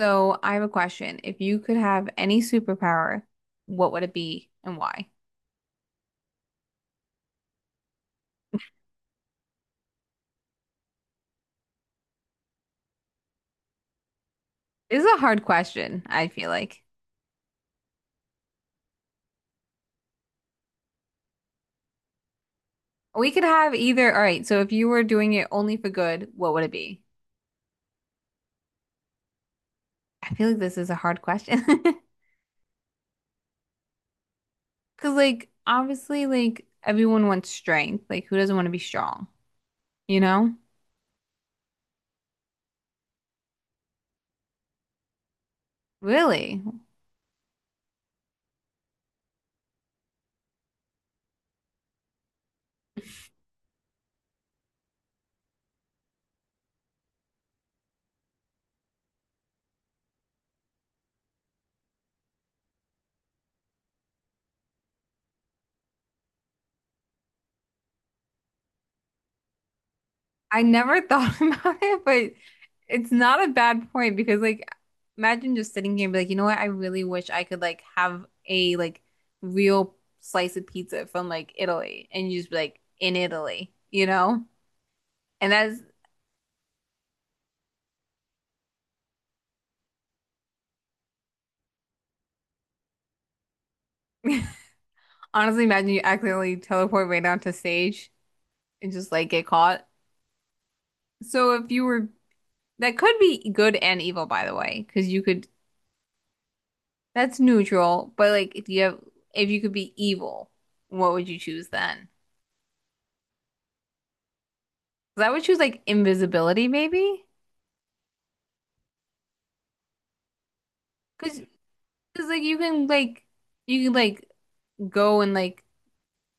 So I have a question. If you could have any superpower, what would it be and why? This is a hard question, I feel like. We could have either. All right, so if you were doing it only for good, what would it be? I feel like this is a hard question. Because, like, obviously, like, everyone wants strength. Like, who doesn't want to be strong? You know? Really? I never thought about it, but it's not a bad point because like imagine just sitting here and be like, you know what? I really wish I could like have a like real slice of pizza from like Italy and you just be like in Italy, you know? And that's honestly imagine you accidentally teleport right down to stage and just like get caught. So if you were that could be good and evil by the way, because you could that's neutral, but like if you could be evil, what would you choose then? 'Cause I would choose like invisibility maybe. Cause, 'cause, like you can like go and like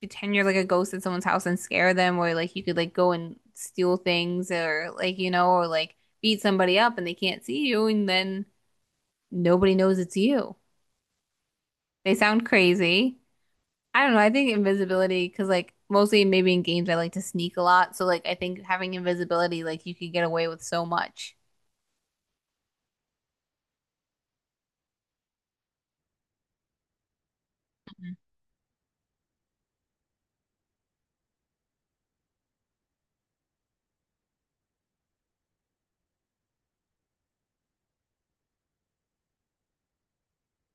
pretend you're like a ghost at someone's house and scare them or like you could like go and steal things or like beat somebody up and they can't see you and then nobody knows it's you. They sound crazy. I don't know. I think invisibility because like mostly maybe in games I like to sneak a lot. So like I think having invisibility like you could get away with so much. Mhm.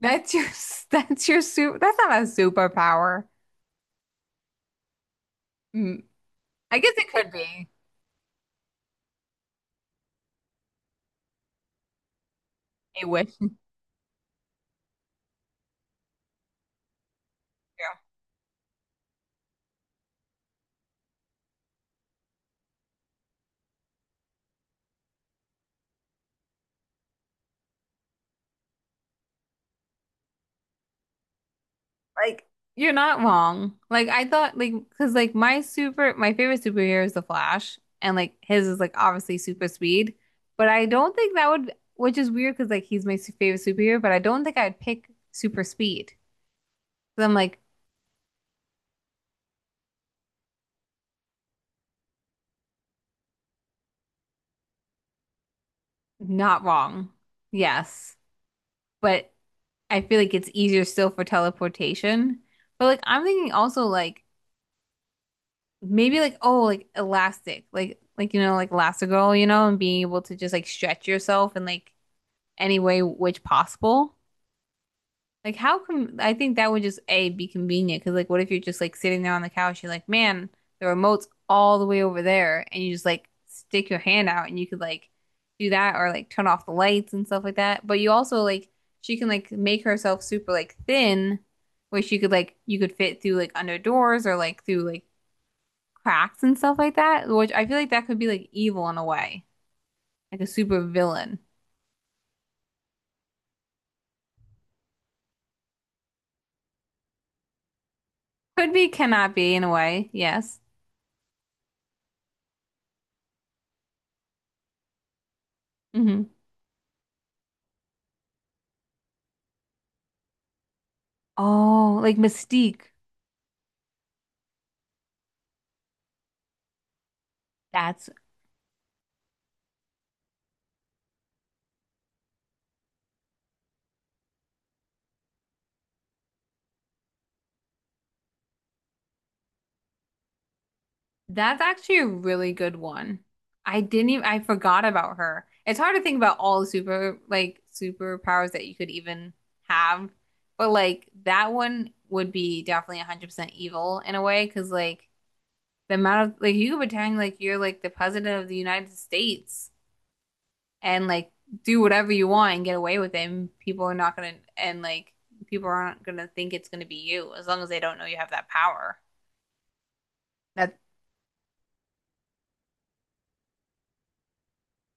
That's your that's not a superpower. Mm, I guess it could be a wish. Yeah, like you're not wrong. Like I thought, like because like my favorite superhero is the Flash, and like his is like obviously super speed. But I don't think that would, which is weird because like he's my favorite superhero, but I don't think I'd pick super speed. So I'm like not wrong. Yes, but I feel like it's easier still for teleportation. But like I'm thinking also like maybe like oh like elastic like like Elastigirl and being able to just like stretch yourself in like any way which possible like how come I think that would just A be convenient because like what if you're just like sitting there on the couch you're like man the remote's all the way over there and you just like stick your hand out and you could like do that or like turn off the lights and stuff like that but you also like she can like make herself super like thin where she could like you could fit through like under doors or like through like cracks and stuff like that, which I feel like that could be like evil in a way, like a super villain. Could be, cannot be in a way. Yes. Hmm. Oh, like Mystique. That's that's actually a really good one. I didn't even I forgot about her. It's hard to think about all the superpowers that you could even have, but like that one would be definitely 100% evil in a way because like the amount of like you could pretend like you're like the president of the United States and like do whatever you want and get away with it and people aren't gonna think it's gonna be you as long as they don't know you have that power. That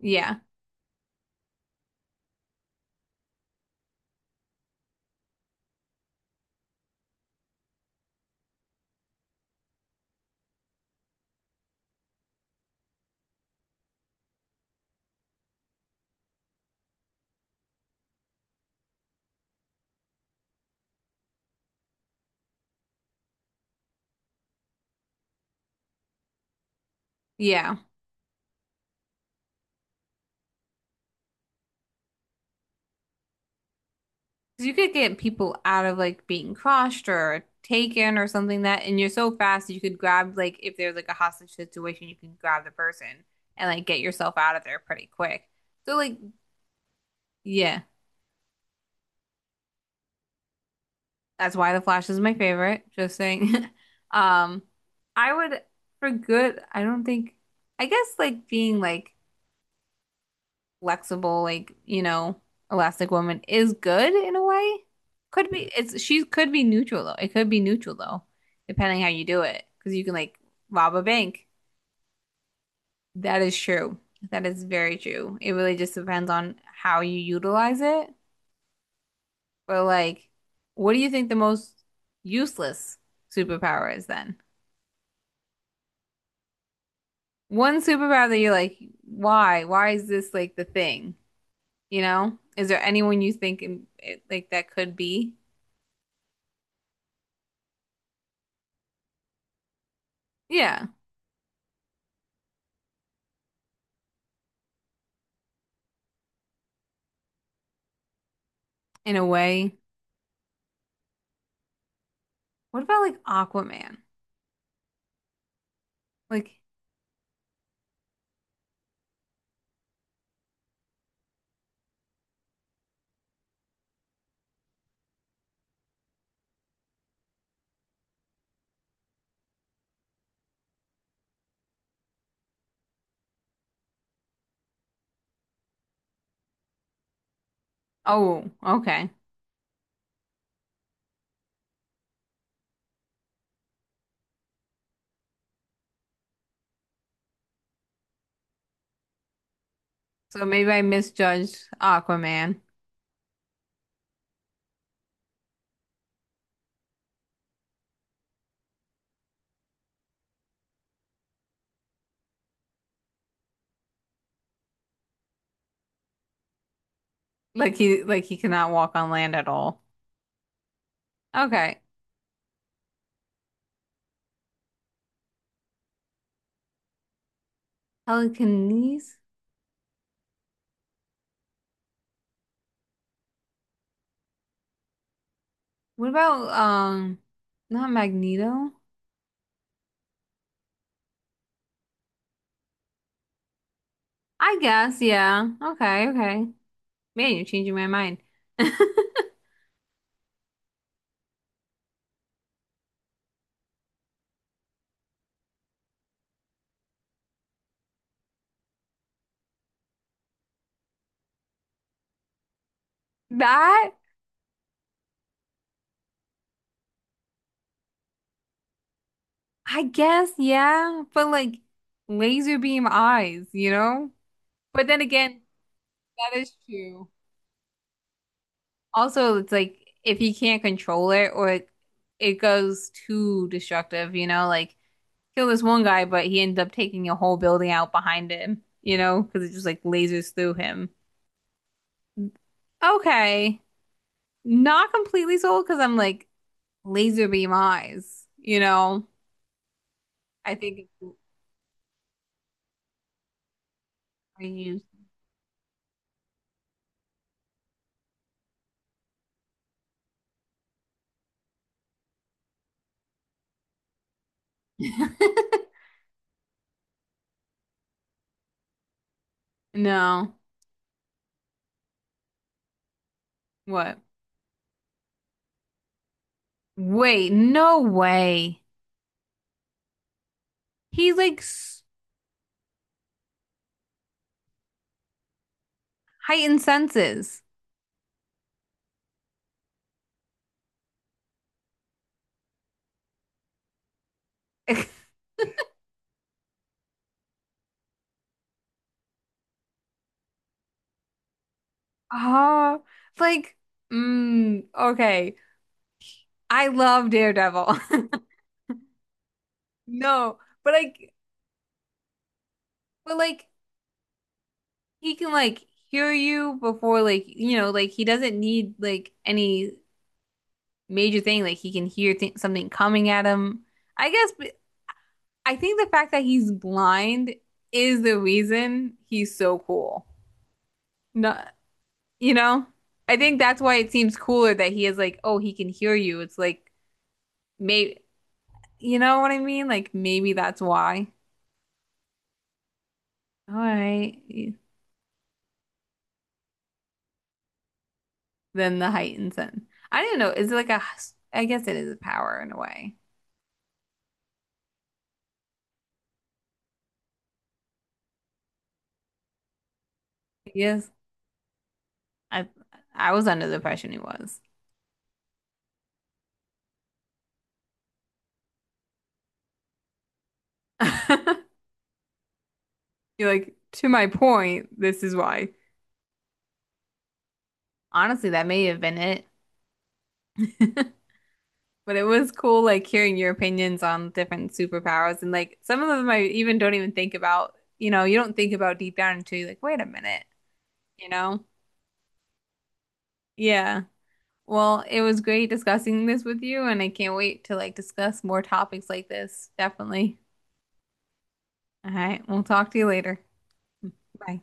yeah. Yeah. 'Cause you could get people out of like being crushed or taken or something that and you're so fast that you could grab like if there's like a hostage situation you can grab the person and like get yourself out of there pretty quick. So like yeah. That's why The Flash is my favorite. Just saying. Um, I would for good, I don't think I guess like being like flexible, like, Elastic Woman is good in a way. Could be it's she could be neutral though. It could be neutral though, depending how you do it. Because you can like rob a bank. That is true. That is very true. It really just depends on how you utilize it. But like, what do you think the most useless superpower is then? One superpower that you're like, why? Why is this like the thing? You know? Is there anyone you think in, it, like that could be? Yeah, in a way. What about like Aquaman? Like, oh, okay. So maybe I misjudged Aquaman. Like he cannot walk on land at all. Okay. Telekinesis? What about not Magneto? I guess, yeah. Okay, okay. Man, you're changing my mind. That I guess, yeah, but like laser beam eyes, you know? But then again, that is true. Also, it's like if he can't control it goes too destructive, you know, like kill this one guy, but he ended up taking a whole building out behind him, you know, because it just like lasers through him. Okay. Not completely sold because I'm like laser beam eyes, you know? I think it's I use. No. What? Wait, no way. He like s- Heightened senses. Oh, like, okay. I love Daredevil. No, but like, but like, he can like hear you before, like, like he doesn't need like any major thing. Like he can hear th something coming at him. I guess, but I think the fact that he's blind is the reason he's so cool. No. You know, I think that's why it seems cooler that he is like, oh, he can hear you. It's like, maybe, you know what I mean? Like, maybe that's why. All right. Then the heightened sense. I don't know. Is it like a, I guess it is a power in a way. Yes. I, I was under the impression he was. You're like, to my point, this is why. Honestly, that may have been it. But it was cool like hearing your opinions on different superpowers and like some of them I even don't even think about, you know, you don't think about deep down until you're like, wait a minute, you know? Yeah. Well, it was great discussing this with you and I can't wait to like discuss more topics like this. Definitely. All right. We'll talk to you later. Bye.